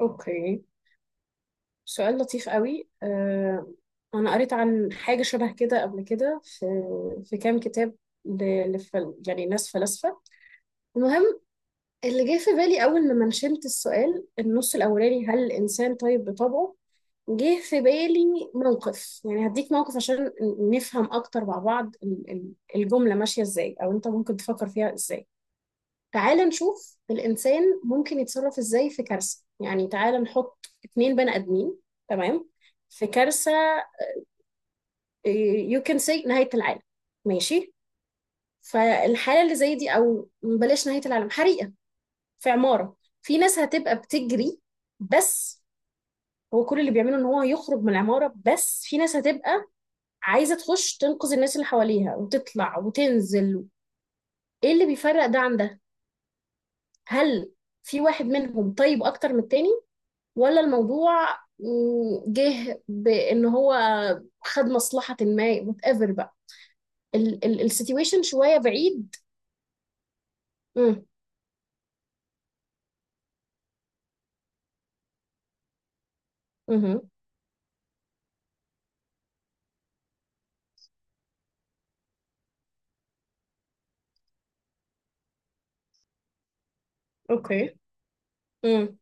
اوكي. سؤال لطيف قوي انا قريت عن حاجه شبه كده قبل كده في كام كتاب. لفل يعني ناس فلاسفه. المهم، اللي جه في بالي اول لما نشنت السؤال، النص الاولاني، هل الانسان طيب بطبعه؟ جه في بالي موقف، يعني هديك موقف عشان نفهم اكتر مع بعض الجمله ماشيه ازاي، او انت ممكن تفكر فيها ازاي. تعال نشوف الإنسان ممكن يتصرف إزاي في كارثة، يعني تعال نحط اتنين بني آدمين. تمام. في كارثة، يو كان سي نهاية العالم. ماشي. فالحالة اللي زي دي، أو بلاش نهاية العالم، حريقة في عمارة. في ناس هتبقى بتجري بس هو كل اللي بيعمله إن هو يخرج من العمارة، بس في ناس هتبقى عايزة تخش تنقذ الناس اللي حواليها وتطلع وتنزل. إيه اللي بيفرق ده عن ده؟ هل في واحد منهم طيب أكتر من التاني، ولا الموضوع جه بان هو خد مصلحة، ما وات ايفر بقى. السيتويشن شوية بعيد. امم. امم. اوكي. امم.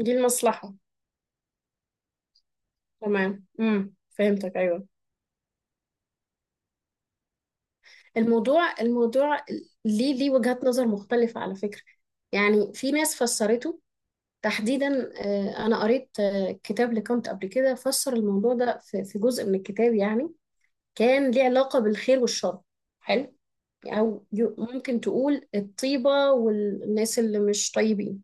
دي المصلحة، تمام، امم، فهمتك، ايوه. الموضوع ليه وجهات نظر مختلفة على فكرة. يعني في ناس فسرته تحديدا، انا قريت كتاب لكانت قبل كده، فسر الموضوع ده في جزء من الكتاب، يعني كان ليه علاقة بالخير والشر. حلو. أو ممكن تقول الطيبة والناس اللي مش طيبين.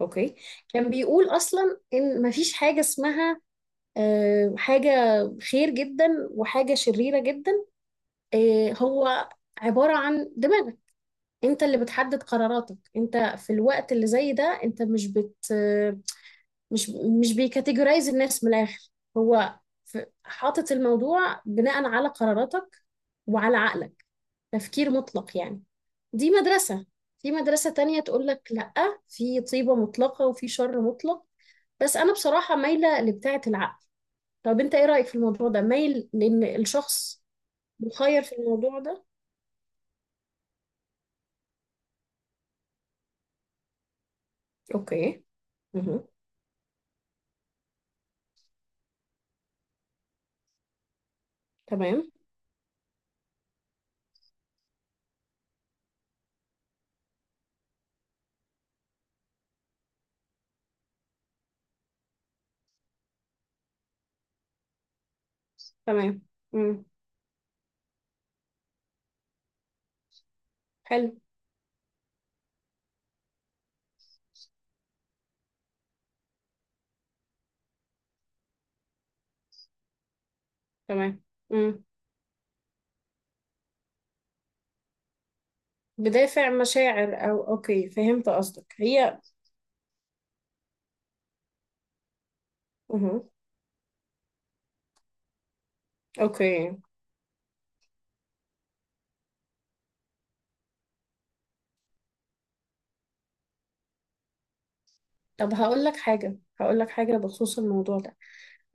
أوكي. كان بيقول أصلا إن مفيش حاجة اسمها حاجة خير جدا وحاجة شريرة جدا. هو عبارة عن دماغك، أنت اللي بتحدد قراراتك. أنت في الوقت اللي زي ده أنت مش بت مش مش بيكاتيجورايز الناس من الاخر. هو ف- حاطط الموضوع بناء على قراراتك وعلى عقلك، تفكير مطلق يعني. دي مدرسة. في مدرسة تانية تقول لك لأ، في طيبة مطلقة وفي شر مطلق. بس أنا بصراحة مايلة لبتاعة العقل. طب أنت إيه رأيك في الموضوع ده؟ مايل لأن الشخص مخير في الموضوع ده؟ أوكي. مه. تمام. تمام. مم. حلو. تمام. مم. بدافع مشاعر او اوكي، فهمت قصدك هي. مه. اوكي. طب هقول لك حاجه بخصوص الموضوع ده.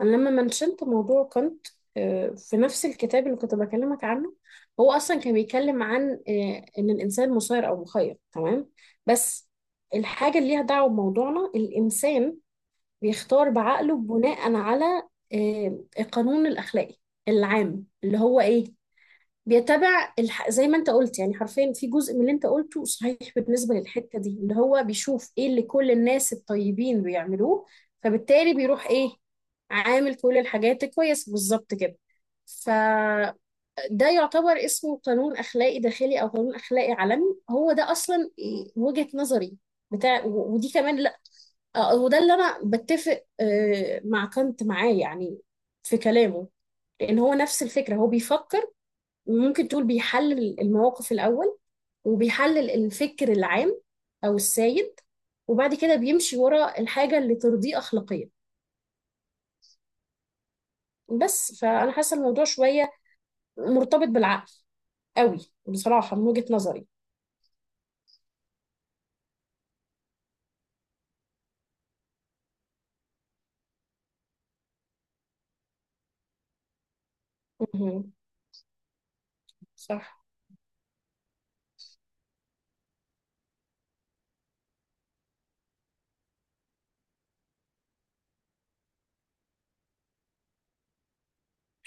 انا لما منشنت موضوع كنت، في نفس الكتاب اللي كنت بكلمك عنه، هو اصلا كان بيتكلم عن ان الانسان مسير او مخير. تمام. بس الحاجه اللي ليها دعوه بموضوعنا، الانسان بيختار بعقله بناء على القانون الاخلاقي العام، اللي هو ايه، بيتابع زي ما انت قلت. يعني حرفيا في جزء من اللي انت قلته صحيح بالنسبة للحتة دي، اللي هو بيشوف ايه اللي كل الناس الطيبين بيعملوه، فبالتالي بيروح ايه، عامل كل الحاجات كويس بالظبط كده. فده يعتبر اسمه قانون أخلاقي داخلي أو قانون أخلاقي عالمي، هو ده أصلا إيه وجهة نظري بتاع ودي كمان لا. وده اللي أنا بتفق مع كانت معاه، يعني في كلامه. لأن هو نفس الفكرة، هو بيفكر، وممكن تقول بيحلل المواقف الأول وبيحلل الفكر العام أو السائد، وبعد كده بيمشي ورا الحاجة اللي ترضيه أخلاقيا. بس فأنا حاسة الموضوع شوية مرتبط بالعقل قوي، بصراحة من وجهة نظري. مهم. صح.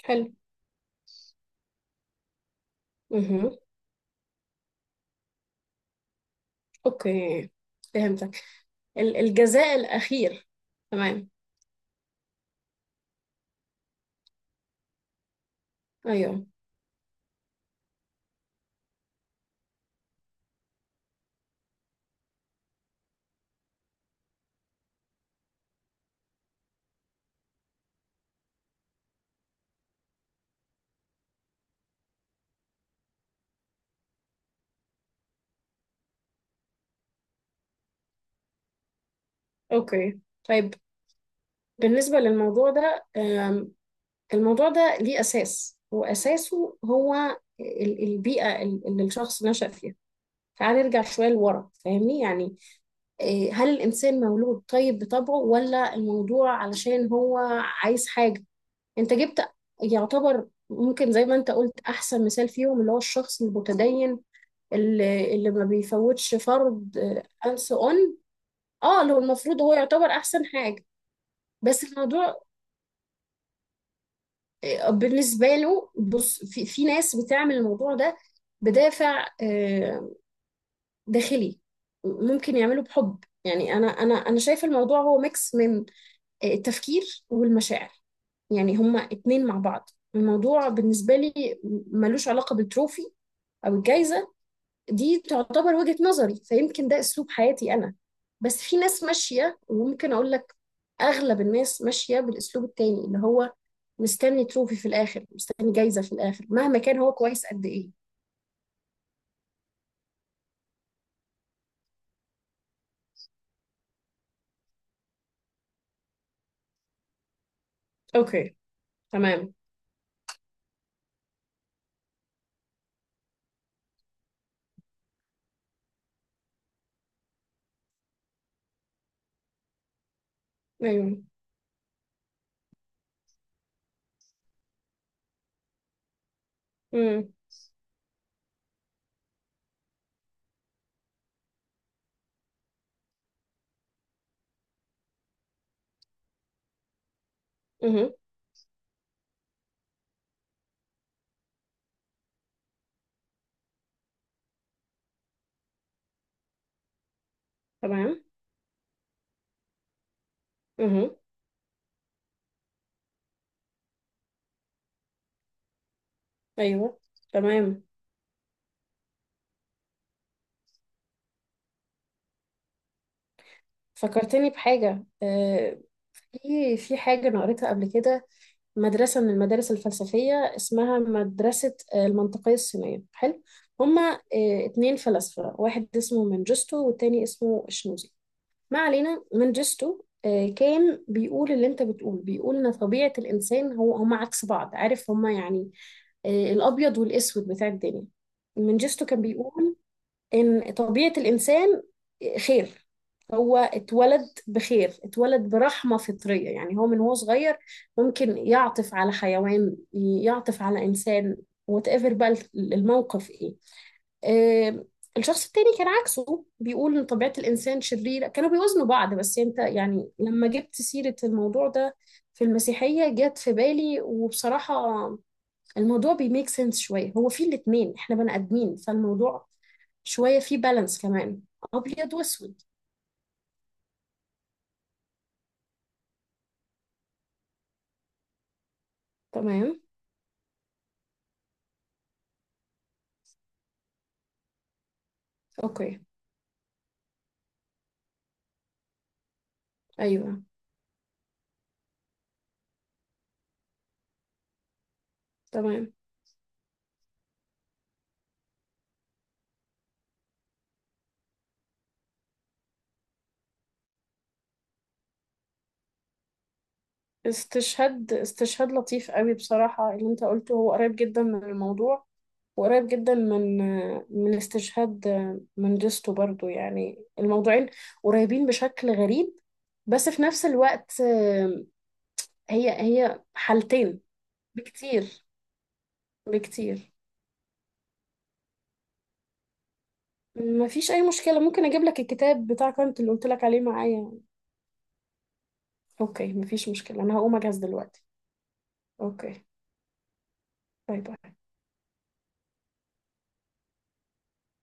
حلو. مهم. أوكي، فهمتك، الجزاء الأخير. تمام. أيوه. أوكي. طيب بالنسبة للموضوع ده، الموضوع ده ليه أساس، وأساسه هو البيئة اللي الشخص نشأ فيها. تعال نرجع شوية لورا، فاهمني يعني. إيه، هل الإنسان مولود طيب بطبعه، ولا الموضوع علشان هو عايز حاجة؟ أنت جبت يعتبر ممكن زي ما أنت قلت أحسن مثال فيهم، اللي هو الشخص المتدين اللي ما بيفوتش فرض، and so on. اه، اللي هو المفروض هو يعتبر أحسن حاجة. بس الموضوع بالنسبة له. بص، في ناس بتعمل الموضوع ده بدافع داخلي، ممكن يعمله بحب. يعني أنا شايفة الموضوع هو ميكس من التفكير والمشاعر، يعني هما اتنين مع بعض. الموضوع بالنسبة لي ملوش علاقة بالتروفي أو الجايزة. دي تعتبر وجهة نظري، فيمكن ده اسلوب حياتي انا. بس في ناس ماشية، وممكن اقول لك اغلب الناس ماشية بالاسلوب التاني، اللي هو مستني تروفي في الاخر، مستني جايزة في الاخر، مهما كان هو كويس قد ايه. اوكي. تمام. ايوه. امم. امم. تمام. امم. ايوه. تمام. فكرتني بحاجة، في حاجة أنا قريتها قبل كده، مدرسة من المدارس الفلسفية اسمها مدرسة المنطقية الصينية. حلو. هما اتنين فلاسفة، واحد اسمه منجستو والتاني اسمه شنوزي. ما علينا، منجستو كان بيقول اللي انت بتقول، بيقول ان طبيعة الانسان، هو هما عكس بعض، عارف، هما يعني الابيض والاسود بتاع الدنيا. منجستو كان بيقول إن طبيعة الإنسان خير، هو اتولد بخير، اتولد برحمة فطرية، يعني هو من هو صغير ممكن يعطف على حيوان، يعطف على إنسان، whatever بقى الموقف إيه. آه، الشخص التاني كان عكسه، بيقول إن طبيعة الإنسان شريرة، كانوا بيوزنوا بعض. بس أنت يعني لما جبت سيرة الموضوع ده في المسيحية جت في بالي، وبصراحة الموضوع بيميك سنس شوية، هو في الاتنين احنا بني آدمين، فالموضوع شوية فيه بالانس كمان، أبيض وأسود. تمام. أوكي. أيوه. تمام. استشهاد، استشهاد لطيف قوي بصراحة، اللي انت قلته هو قريب جدا من الموضوع، وقريب جدا من استشهاد من جستو برضو، يعني الموضوعين قريبين بشكل غريب. بس في نفس الوقت هي حالتين. بكتير بكتير. مفيش اي مشكله، ممكن اجيب لك الكتاب بتاع كانت اللي قلت لك عليه معايا. اوكي. مفيش مشكله، انا هقوم اجهز دلوقتي. اوكي. باي باي.